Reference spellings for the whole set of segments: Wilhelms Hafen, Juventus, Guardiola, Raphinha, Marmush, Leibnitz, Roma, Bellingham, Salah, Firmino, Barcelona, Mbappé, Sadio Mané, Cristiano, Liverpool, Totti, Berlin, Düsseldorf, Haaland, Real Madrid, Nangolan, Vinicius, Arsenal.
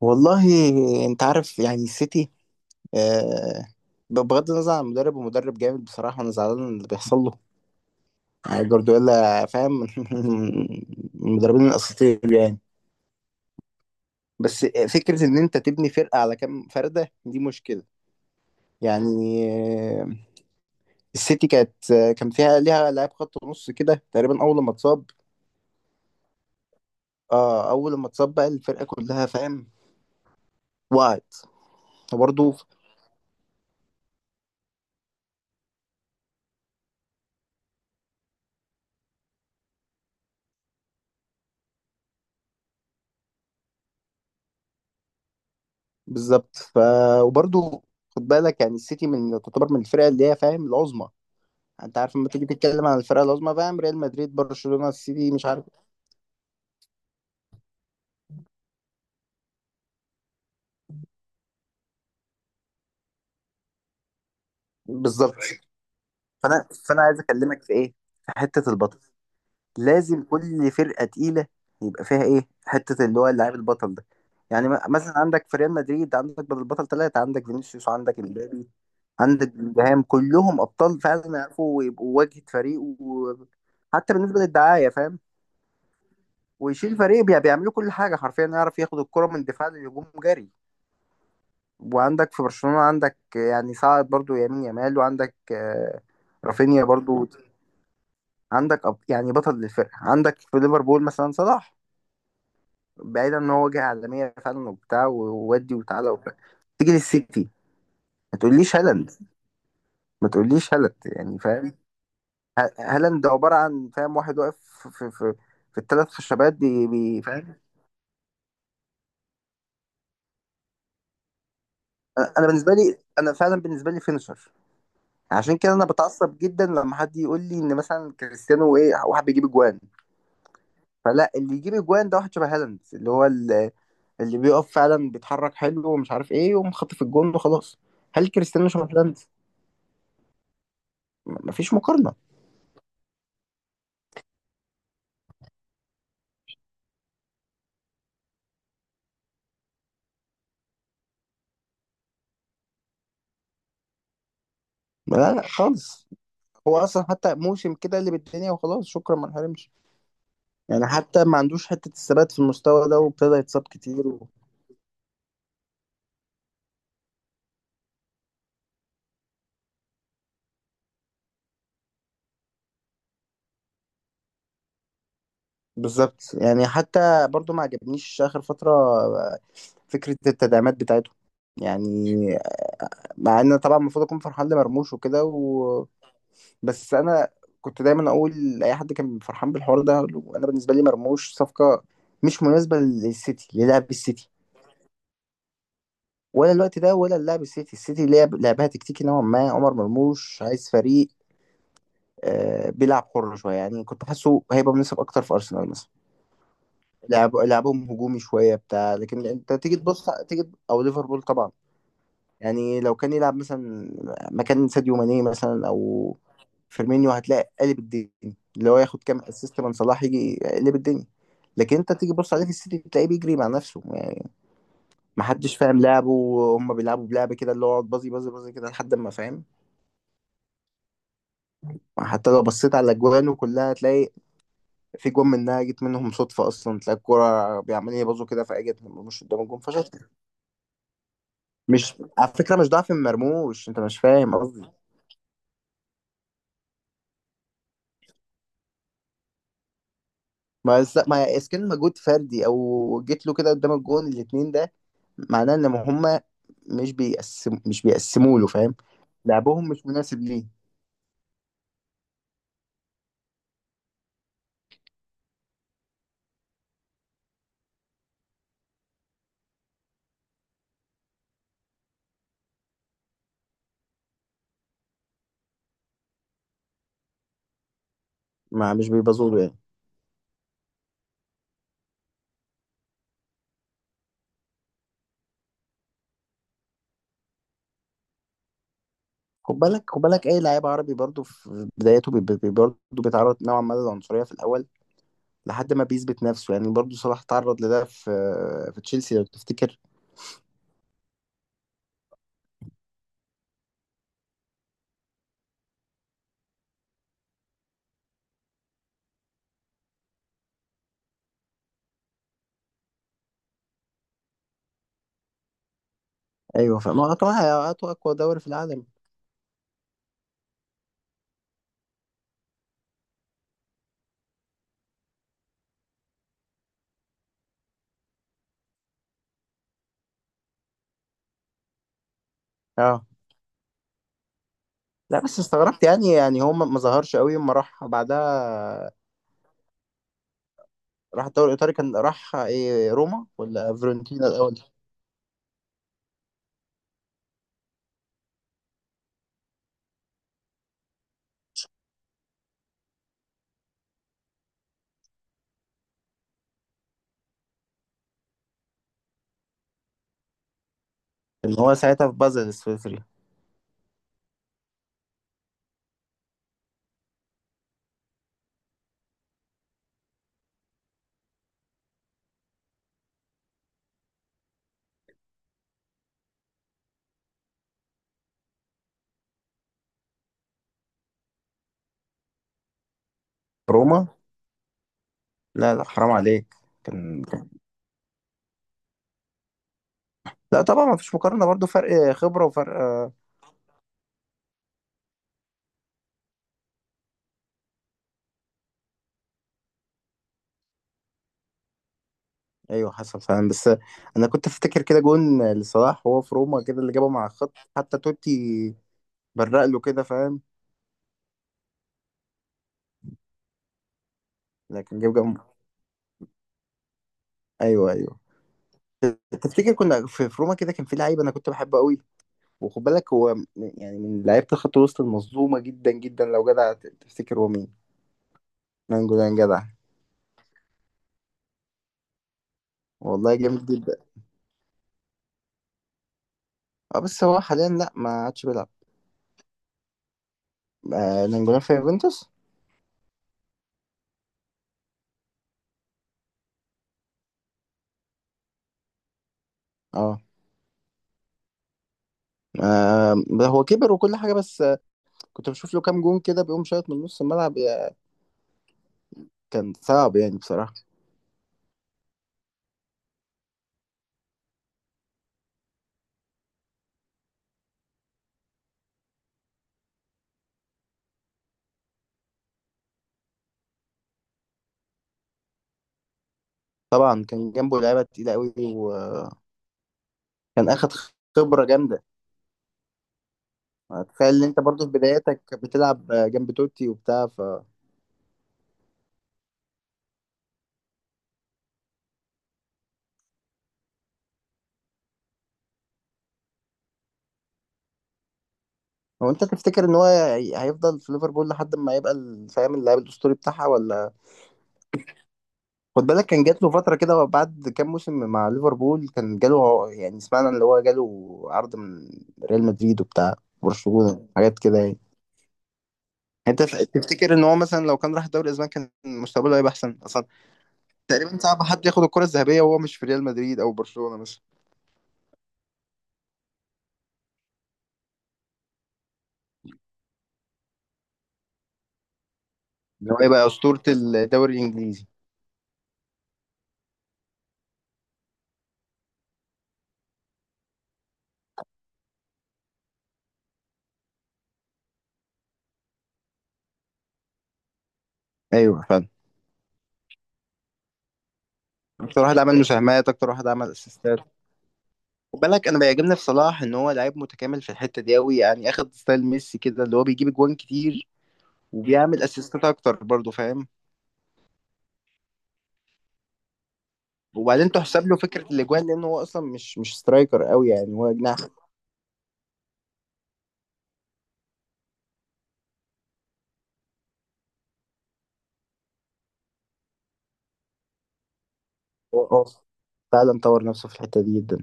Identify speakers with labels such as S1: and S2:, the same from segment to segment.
S1: والله، انت عارف يعني السيتي. آه بغض النظر عن المدرب، ومدرب جامد بصراحة. انا زعلان من اللي بيحصل له. يعني جوارديولا فاهم من المدربين الاساطير يعني. بس فكرة ان انت تبني فرقة على كام فردة دي مشكلة. يعني آه، السيتي كان فيها ليها لاعب خط نص كده تقريبا. اول ما اتصاب بقى الفرقة كلها فاهم، وقعت. وبرضه بالظبط. وبرضه خد بالك، يعني السيتي من تعتبر من الفرق اللي هي فاهم العظمى. انت عارف لما تيجي تتكلم عن الفرق العظمى فاهم، ريال مدريد، برشلونة، السيتي، مش عارف. بالظبط. فانا عايز اكلمك في ايه، في حتة البطل. لازم كل فرقة تقيلة يبقى فيها ايه، حتة اللي هو اللاعب البطل ده. يعني مثلا عندك في ريال مدريد، عندك بدل البطل ثلاثة. عندك فينيسيوس، وعندك امبابي، عندك بلينجهام. كلهم ابطال فعلا، يعرفوا يبقوا واجهة فريق، وحتى بالنسبة للدعاية فاهم. ويشيل فريق. بيعملوا كل حاجه حرفيا، يعرف ياخد الكره من دفاع للهجوم جري. وعندك في برشلونه عندك يعني صاعد برضو يمين، يامال، وعندك رافينيا برضو. عندك يعني بطل للفرقه. عندك في ليفربول مثلا صلاح، بعيدا ان هو جه عالميه فعلا وبتاع وودي وتعالى وبتاع. تيجي للسيتي، ما تقوليش هالاند. ما تقوليش هالاند يعني فاهم. هالاند عباره عن فاهم واحد واقف في في الثلاث خشبات. فاهم. انا بالنسبه لي، انا فعلا بالنسبه لي فينشر. عشان كده انا بتعصب جدا لما حد يقول لي ان مثلا كريستيانو، ايه، واحد بيجيب اجوان. فلا، اللي يجيب اجوان ده واحد شبه هالاند، اللي هو ال- اللي بيقف فعلا بيتحرك حلو ومش عارف ايه، ويقوم خاطف في الجون وخلاص. هل كريستيانو شبه هالاند؟ مفيش مقارنة. لا لا خالص. هو اصلا حتى موسم كده اللي بالدنيا وخلاص شكرا ما انحرمش. يعني حتى ما عندوش حتة الثبات في المستوى ده، وابتدى يتصاب كتير و... بالظبط. يعني حتى برضو ما عجبنيش اخر فترة فكرة التدعيمات بتاعته. يعني مع ان أنا طبعا المفروض اكون فرحان لمرموش وكده و... بس انا كنت دايما اقول لاي حد كان فرحان بالحوار ده، أقول له انا بالنسبه لي مرموش صفقه مش مناسبه للسيتي، للعب السيتي. ولا الوقت ده ولا لعب السيتي. السيتي لعب لعبها تكتيكي نوعا ما، عمر مرموش عايز فريق آه بيلعب حر شويه. يعني كنت حاسه هيبقى مناسب اكتر في ارسنال مثلا، لعب لعبهم هجومي شويه بتاع. لكن انت تيجي تبص، تيجي او ليفربول طبعا. يعني لو كان يلعب مثلا مكان ساديو ماني مثلا او فيرمينيو، هتلاقي قلب الدنيا. اللي هو ياخد كام اسيست من صلاح يجي يقلب الدنيا. لكن انت تيجي تبص عليه في السيتي تلاقيه بيجري مع نفسه يعني. محدش فاهم لعبه، وهم بيلعبوا بلعب كده اللي هو يقعد بازي بازي بازي كده لحد ما فاهم. حتى لو بصيت على اجوانه كلها، تلاقي في جون منها جت منهم صدفه اصلا. تلاقي الكوره بيعملوا يبازوا كده، فاجت مش قدام الجون فشاط. مش على فكره، مش ضعف مرموش، انت مش فاهم قصدي. ما اذا كان مجهود فردي او جيت له كده قدام الجون الاثنين ده، معناه ان هم مش بيقسموا له فاهم. لعبهم مش مناسب ليه. ما مش بيبازوا له يعني. خد بالك، خد بالك، اي لعيب عربي برضه في بدايته برضه بيتعرض نوعا ما للعنصريه في الاول لحد ما بيثبت نفسه يعني. برضه صلاح تعرض لده في تشيلسي لو تفتكر. ايوه فاهم هو طبعا، هاتوا اقوى دوري في العالم. اه، لا بس استغربت يعني. يعني هو ما ظهرش قوي اما راح بعدها. راح الدوري الإيطالي، كان راح إيه، روما ولا فيورنتينا الأول؟ كان هو ساعتها في بازل السويسري. روما؟ لا لا حرام عليك، كان كان- لا طبعا ما فيش مقارنة، برضو فرق خبرة وفرق. ايوه حصل فعلا، بس انا كنت افتكر كده جون لصلاح وهو في روما كده اللي جابه مع الخط حتى توتي، برق له كده فاهم. لكن جاب جنب. ايوه ايوه. تفتكر كنا في روما كده، كان في لعيب انا كنت بحبه قوي. وخد بالك هو يعني من لعيبه الخط الوسط المظلومه جدا جدا لو جدع، تفتكر هو مين؟ مانجولان جدع. والله جامد جدا. اه بس هو حاليا لا، ما عادش بيلعب. آه نانجولان في يوفنتوس. اه، آه، هو كبر وكل حاجة. بس كنت بشوف له كام جون كده بيقوم شايط من نص الملعب يا- كان صعب يعني بصراحة. طبعا كان جنبه لعيبة تقيلة قوي، وكان أخد خبرة جامدة. تخيل إن أنت برضه في بداياتك بتلعب جنب توتي وبتاع. هو أنت تفتكر إن هو هيفضل في ليفربول لحد ما يبقى ال- فاهم اللاعب الأسطوري بتاعها ولا؟ خد بالك كان جات له فترة كده بعد كام موسم مع ليفربول، كان جاله يعني سمعنا اللي هو جاله عرض من ريال مدريد وبتاع برشلونة حاجات كده يعني. انت تفتكر ان هو مثلا لو كان راح الدوري الاسباني كان مستقبله هيبقى احسن اصلا؟ تقريبا صعب حد ياخد الكرة الذهبية وهو مش في ريال مدريد او برشلونة مثلا. ان هو يبقى اسطورة الدوري الانجليزي. ايوه فعلا. اكتر واحد عمل مساهمات، اكتر واحد عمل اسيستات. خد بالك انا بيعجبني في صلاح ان هو لعيب متكامل في الحتة دي قوي. يعني اخد ستايل ميسي كده، اللي هو بيجيب جوان كتير وبيعمل اسيستات اكتر برضه فاهم. وبعدين تحسب له فكره الاجوان، لان هو اصلا مش سترايكر قوي، يعني هو جناح. هو اه، فعلا طور نفسه في الحته دي جدا.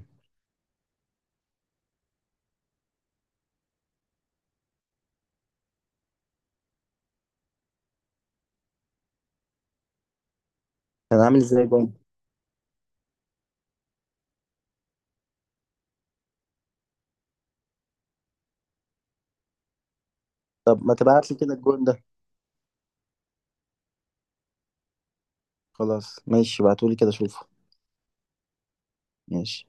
S1: كان عامل ازاي جون؟ طب ما تبعت لي كده الجون ده؟ خلاص ماشي، بعتولي كده اشوفه. ماشي.